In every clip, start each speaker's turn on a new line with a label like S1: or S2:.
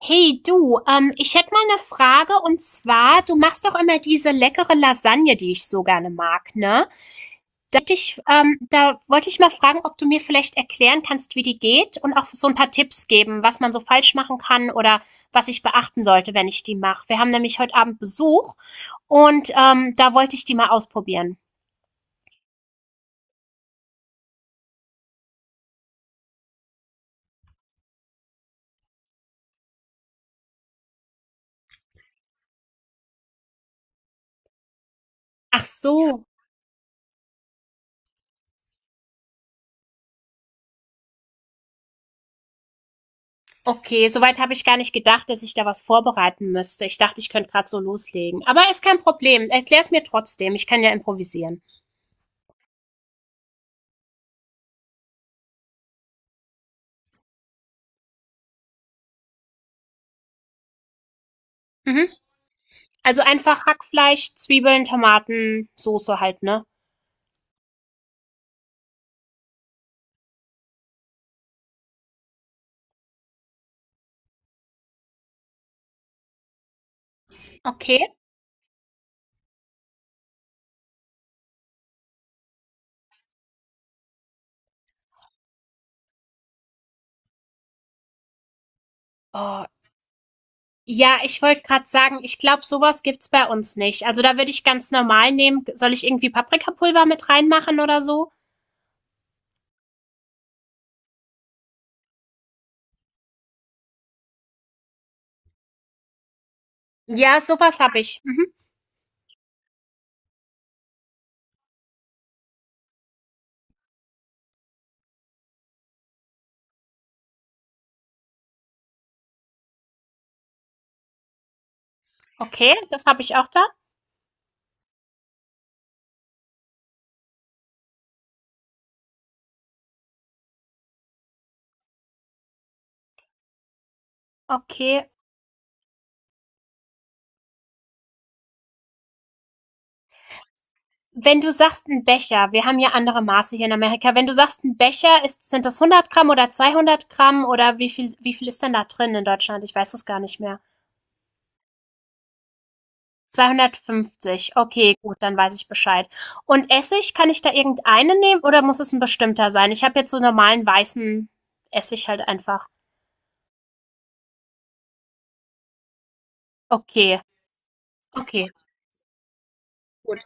S1: Hey du, ich hätte mal eine Frage und zwar, du machst doch immer diese leckere Lasagne, die ich so gerne mag, ne? Da wollte ich mal fragen, ob du mir vielleicht erklären kannst, wie die geht und auch so ein paar Tipps geben, was man so falsch machen kann oder was ich beachten sollte, wenn ich die mache. Wir haben nämlich heute Abend Besuch und da wollte ich die mal ausprobieren. Ach so. Okay, soweit habe ich gar nicht gedacht, dass ich da was vorbereiten müsste. Ich dachte, ich könnte gerade so loslegen. Aber ist kein Problem. Erklär es mir trotzdem. Ich kann ja improvisieren. Mhm. Also einfach Hackfleisch, Zwiebeln, Tomaten, Soße halt, ne? Okay. Oh, ja, ich wollte gerade sagen, ich glaube, sowas gibt's bei uns nicht. Also da würde ich ganz normal nehmen. Soll ich irgendwie Paprikapulver mit reinmachen oder so? Ja, sowas habe ich. Mhm. Okay, das habe ich auch da. Okay, wenn du sagst ein Becher, wir haben ja andere Maße hier in Amerika, wenn du sagst ein Becher, sind das 100 Gramm oder 200 Gramm oder wie viel ist denn da drin in Deutschland? Ich weiß es gar nicht mehr. 250, okay, gut, dann weiß ich Bescheid. Und Essig, kann ich da irgendeinen nehmen oder muss es ein bestimmter sein? Ich habe jetzt so normalen weißen Essig halt einfach. Okay, okay, gut.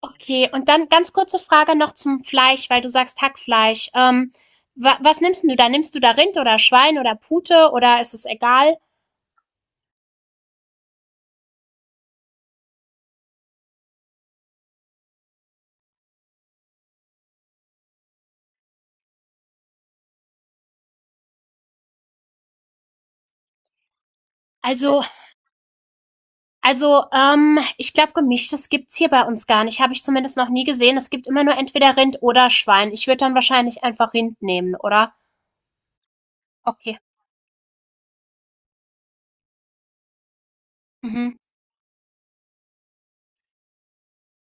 S1: Okay, und dann ganz kurze Frage noch zum Fleisch, weil du sagst Hackfleisch. Wa was nimmst denn du da? Nimmst du da Rind oder Schwein oder Pute oder ist es egal? Also, also, ich glaube, gemischtes gibt's hier bei uns gar nicht. Habe ich zumindest noch nie gesehen. Es gibt immer nur entweder Rind oder Schwein. Ich würde dann wahrscheinlich einfach Rind nehmen, oder? Okay. Mhm.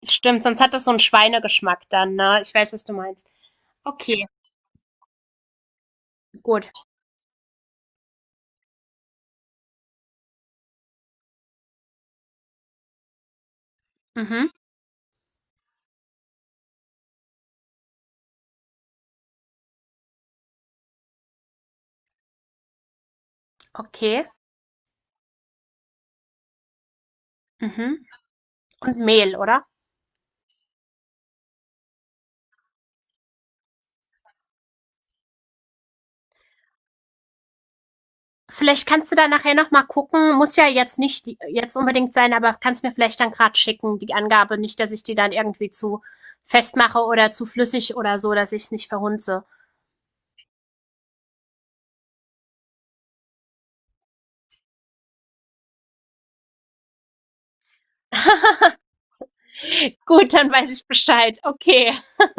S1: Stimmt, sonst hat das so einen Schweinegeschmack dann, ne? Ich weiß, was du meinst. Okay, gut. Mhm. Okay. Mhm. Und Mehl, oder? Vielleicht kannst du da nachher noch mal gucken. Muss ja jetzt nicht jetzt unbedingt sein, aber kannst mir vielleicht dann gerade schicken, die Angabe. Nicht, dass ich die dann irgendwie zu festmache oder zu flüssig oder so, dass ich es nicht verhunze. Gut, dann weiß ich Bescheid. Okay.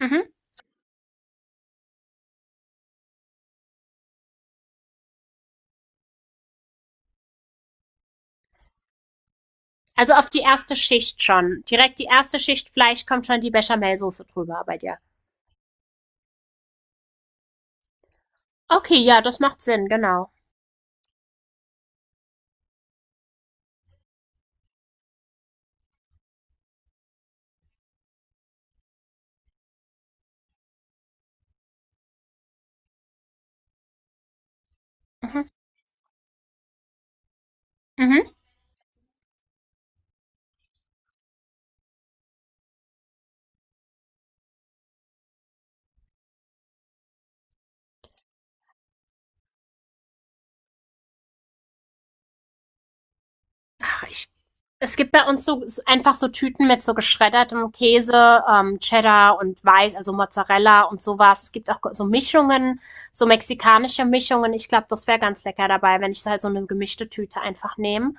S1: Mhm. Also auf die erste Schicht schon. Direkt die erste Schicht Fleisch kommt schon die Bechamelsoße drüber bei dir. Okay, ja, das macht Sinn, genau. Mhm. Mhm. ich, es gibt bei uns so einfach so Tüten mit so geschreddertem Käse, Cheddar und Weiß, also Mozzarella und sowas. Es gibt auch so Mischungen, so mexikanische Mischungen. Ich glaube, das wäre ganz lecker dabei, wenn ich so halt so eine gemischte Tüte einfach nehme.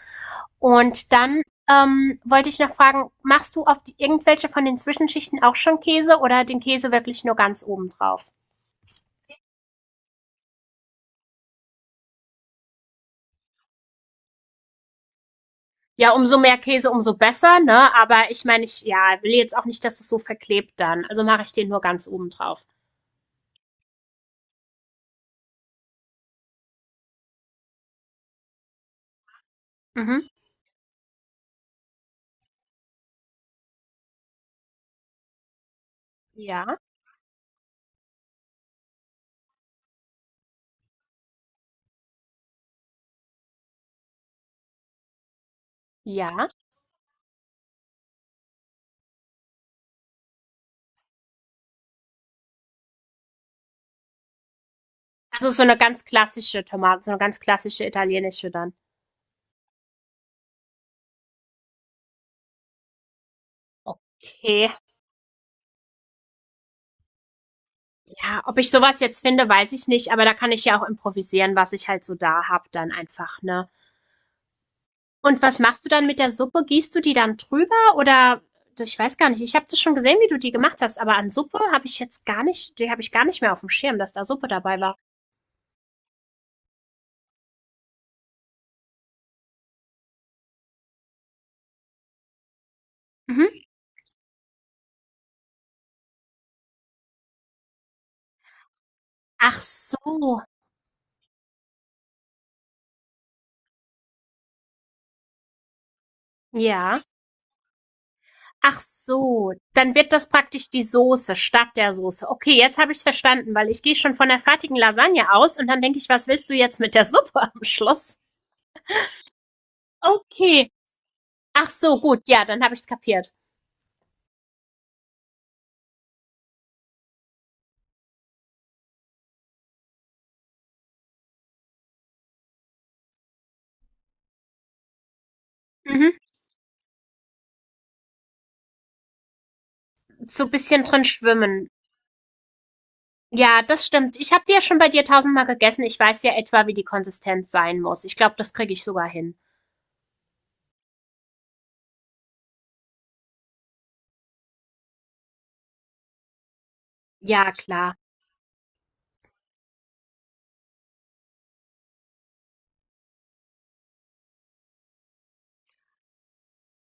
S1: Und dann wollte ich noch fragen, machst du auf irgendwelche von den Zwischenschichten auch schon Käse oder den Käse wirklich nur ganz oben drauf? Ja, umso mehr Käse, umso besser, ne? Aber ich meine, will jetzt auch nicht, dass es so verklebt dann. Also mache ich den nur ganz oben drauf. Mhm. Ja. Ja. Also, so eine ganz klassische Tomate so eine ganz klassische italienische dann. Okay. Ja, ob ich sowas jetzt finde, weiß ich nicht, aber da kann ich ja auch improvisieren, was ich halt so da hab dann einfach, ne? Und was machst du dann mit der Suppe? Gießt du die dann drüber oder ich weiß gar nicht. Ich habe das schon gesehen, wie du die gemacht hast, aber an Suppe habe ich jetzt gar nicht die habe ich gar nicht mehr auf dem Schirm, dass da Suppe dabei war. Mhm. Ach so. Ja. Ach so, dann wird das praktisch die Soße statt der Soße. Okay, jetzt habe ich es verstanden, weil ich gehe schon von der fertigen Lasagne aus und dann denke ich, was willst du jetzt mit der Suppe am Schluss? Okay. Ach so, gut, ja, dann habe ich es kapiert. Mhm. So ein bisschen drin schwimmen. Ja, das stimmt. Ich habe die ja schon bei dir tausendmal gegessen. Ich weiß ja etwa, wie die Konsistenz sein muss. Ich glaube, das kriege ich sogar hin. Ja, klar.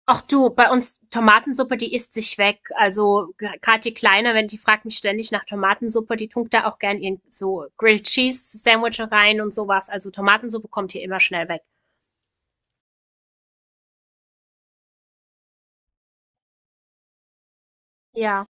S1: Ach du, bei uns Tomatensuppe, die isst sich weg. Also gerade die Kleine, wenn die fragt mich ständig nach Tomatensuppe, die tunkt da auch gern ihren so Grilled Cheese Sandwich rein und sowas. Also Tomatensuppe kommt hier immer schnell weg. Ja.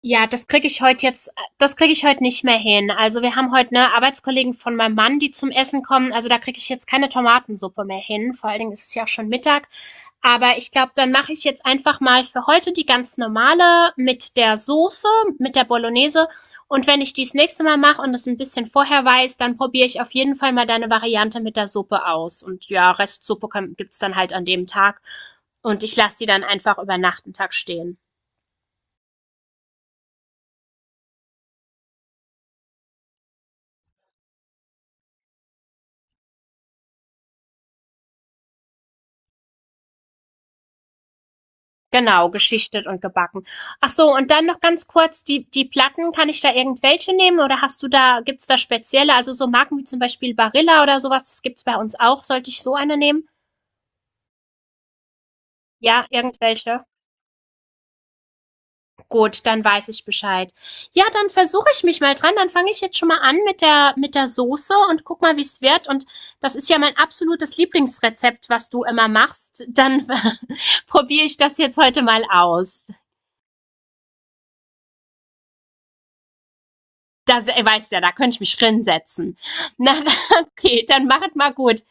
S1: Ja, das kriege ich heute nicht mehr hin. Also, wir haben heute ne, Arbeitskollegen von meinem Mann, die zum Essen kommen. Also, da kriege ich jetzt keine Tomatensuppe mehr hin. Vor allen Dingen ist es ja auch schon Mittag. Aber ich glaube, dann mache ich jetzt einfach mal für heute die ganz normale mit der Soße, mit der Bolognese. Und wenn ich die's nächste Mal mache und es ein bisschen vorher weiß, dann probiere ich auf jeden Fall mal deine Variante mit der Suppe aus. Und ja, Restsuppe kann gibt's dann halt an dem Tag. Und ich lasse die dann einfach über Nacht 'n Tag stehen. Genau, geschichtet und gebacken. Ach so, und dann noch ganz kurz, die Platten, kann ich da irgendwelche nehmen oder hast du da, gibt's da spezielle, also so Marken wie zum Beispiel Barilla oder sowas, das gibt's bei uns auch. Sollte ich so eine nehmen? Ja, irgendwelche. Gut, dann weiß ich Bescheid. Ja, dann versuche ich mich mal dran. Dann fange ich jetzt schon mal an mit mit der Soße und guck mal, wie's wird. Und das ist ja mein absolutes Lieblingsrezept, was du immer machst. Dann probiere ich das jetzt heute mal aus. Das, weißt ja, da könnte ich mich drin setzen. Na, okay, dann macht mal gut.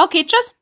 S1: Okay, tschüss.